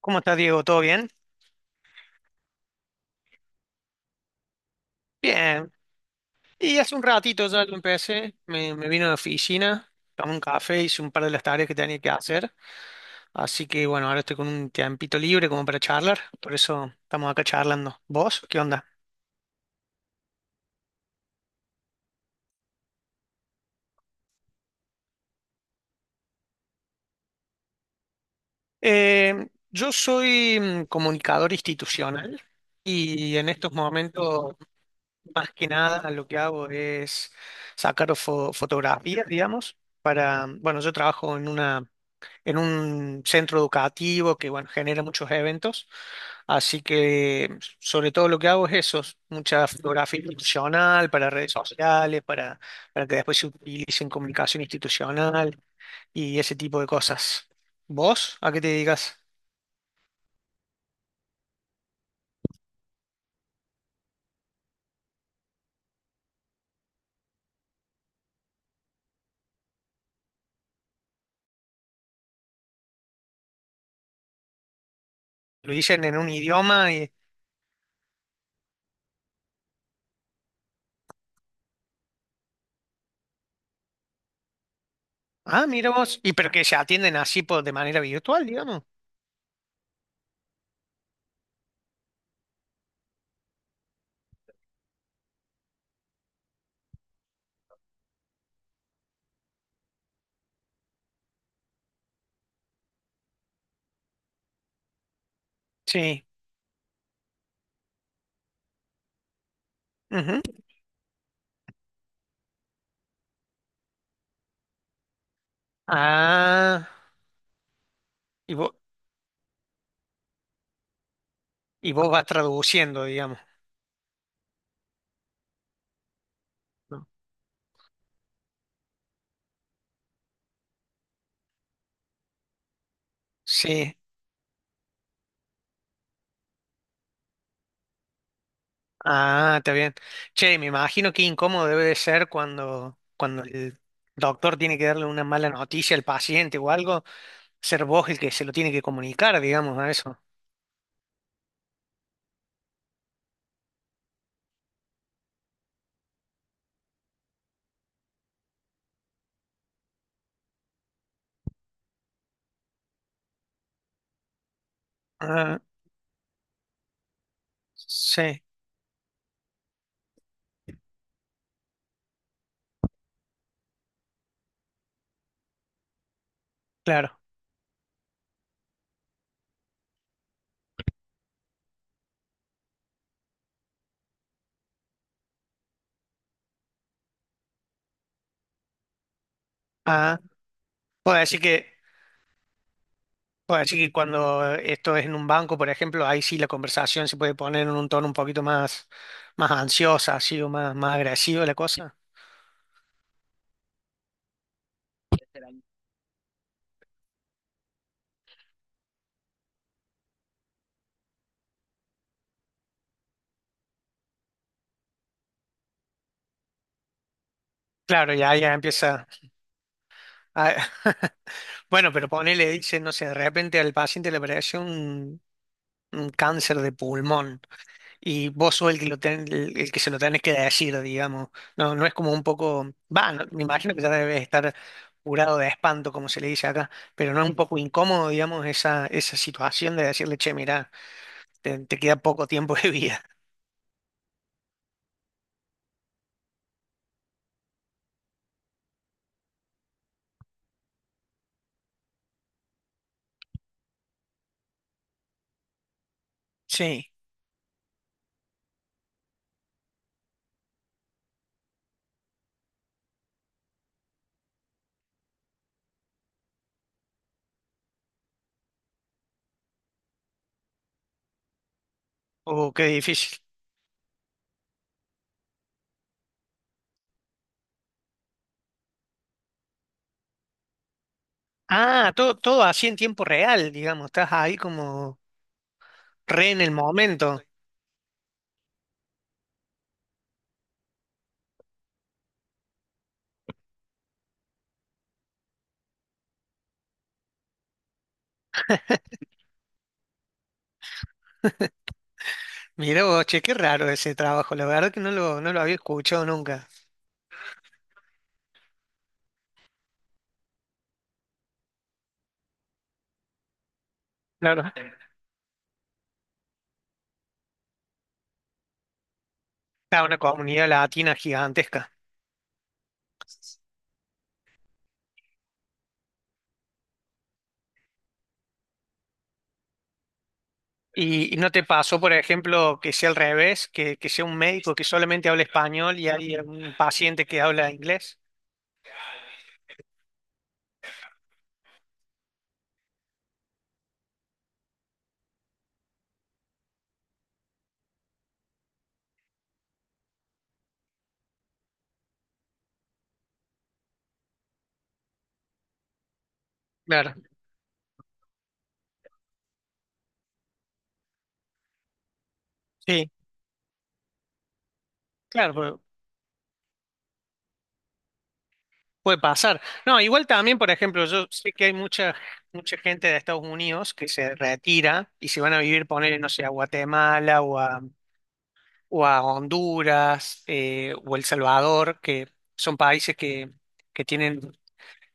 ¿Cómo estás, Diego? ¿Todo bien? Bien. Y hace un ratito ya lo empecé, me vine a la oficina, tomé un café, hice un par de las tareas que tenía que hacer. Así que bueno, ahora estoy con un tiempito libre como para charlar, por eso estamos acá charlando. ¿Vos? ¿Qué onda? Yo soy comunicador institucional y en estos momentos, más que nada, lo que hago es sacar fotografías, digamos, para, bueno, yo trabajo en una en un centro educativo que, bueno, genera muchos eventos. Así que sobre todo lo que hago es eso, mucha fotografía institucional para redes sociales, para que después se utilice en comunicación institucional y ese tipo de cosas. ¿Vos a qué te dedicas? Lo dicen en un idioma y... Ah, mira vos. Y pero que se atienden así por, de manera virtual, digamos. Sí. Ujú. Ah, y vos, y vos vas traduciendo, digamos. ¿No? Sí. Ah, está bien. Che, me imagino qué incómodo debe de ser cuando, cuando el doctor tiene que darle una mala noticia al paciente o algo, ser vos el que se lo tiene que comunicar, digamos, a eso. Ah, sí, claro. Ah, puedo decir que, puedo decir que cuando esto es en un banco, por ejemplo, ahí sí la conversación se puede poner en un tono un poquito más, más ansiosa, así, o más, más agresiva la cosa. Claro, ya, ya empieza. A- Bueno, pero ponele, dice, no sé, de repente al paciente le apareció un cáncer de pulmón y vos sos el que, el que se lo tenés que decir, digamos. No, no es como un poco, va, no- me imagino que ya debes estar curado de espanto, como se le dice acá, pero no es un poco incómodo, digamos, esa situación de decirle, che, mirá, te queda poco tiempo de vida. Sí. Oh, qué difícil. Ah, todo, todo así en tiempo real, digamos, estás ahí como re en el momento. Mirá vos, che, qué raro ese trabajo, la verdad que no lo había escuchado nunca. Claro. A una comunidad latina gigantesca. Y no te pasó, por ejemplo, que sea al revés, que sea un médico que solamente hable español y hay un paciente que habla inglés. Claro, sí, claro, puede pasar. No, igual también, por ejemplo, yo sé que hay mucha, mucha gente de Estados Unidos que se retira y se van a vivir, poner, no sé, a Guatemala o a Honduras o El Salvador, que son países que tienen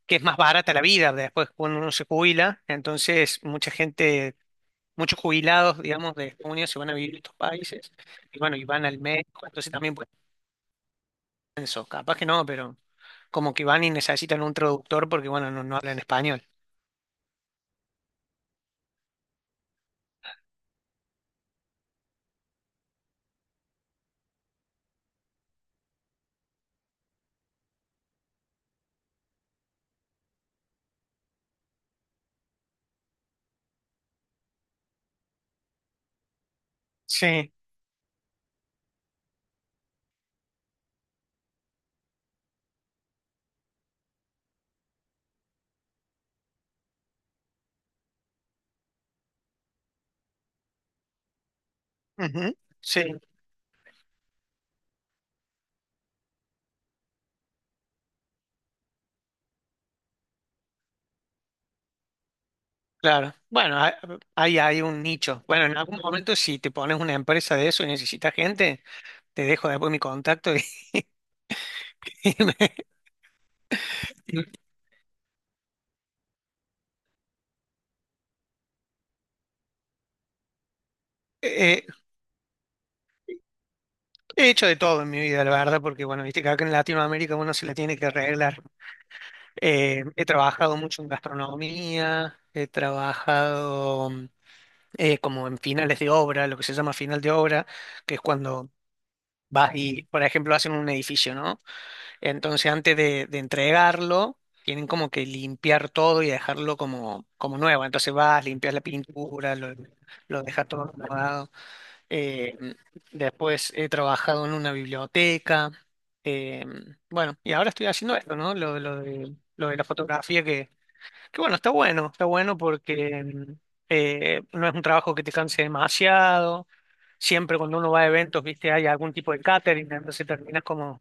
que es más barata la vida después cuando uno se jubila. Entonces, mucha gente, muchos jubilados, digamos, de Estados Unidos se van a vivir a estos países y bueno, y van al médico, entonces también pueden eso. Capaz que no, pero como que van y necesitan un traductor porque, bueno, no, no hablan español. Sí, ujú, sí, claro. Bueno, hay, hay hay un nicho. Bueno, en algún momento si te pones una empresa de eso y necesitas gente, te dejo después mi contacto y, me- eh, he hecho de todo en mi vida, la verdad, porque bueno, viste que acá en Latinoamérica uno se la tiene que arreglar. He trabajado mucho en gastronomía, he trabajado como en finales de obra, lo que se llama final de obra, que es cuando vas y, por ejemplo, hacen un edificio, ¿no? Entonces, de entregarlo, tienen como que limpiar todo y dejarlo como, como nuevo. Entonces vas, limpias la pintura, lo dejas todo acomodado. Eh, después he trabajado en una biblioteca. Eh, bueno, y ahora estoy haciendo esto, ¿no? Lo de la fotografía, que bueno, está bueno, está bueno porque no es un trabajo que te canse demasiado. Siempre cuando uno va a eventos, viste, hay algún tipo de catering, entonces terminas como,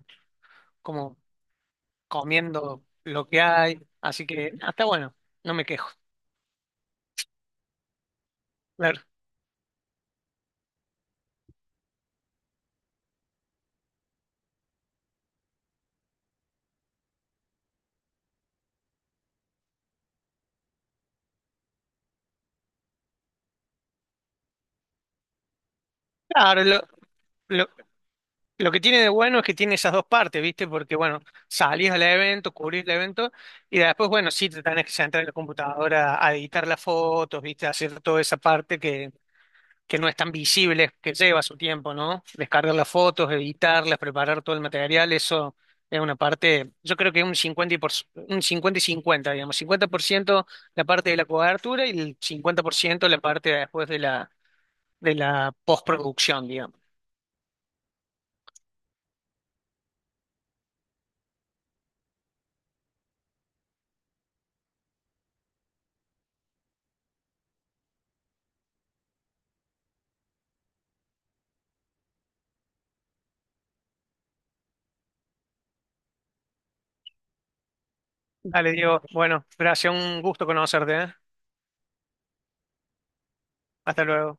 como comiendo lo que hay. Así que ah, está bueno, no me quejo. Claro, claro, lo- lo que tiene de bueno es que tiene esas dos partes, ¿viste? Porque, bueno, salís al evento, cubrís el evento, y después, bueno, sí te tenés que sentar en la computadora a editar las fotos, ¿viste? A hacer toda esa parte que no es tan visible, que lleva su tiempo, ¿no? Descargar las fotos, editarlas, preparar todo el material, eso es una parte, yo creo que un 50 y 50, digamos, 50% la parte de la cobertura y el 50% la parte después de la postproducción, digamos. Dale, Diego. Bueno, gracias, un gusto conocerte, ¿eh? Hasta luego.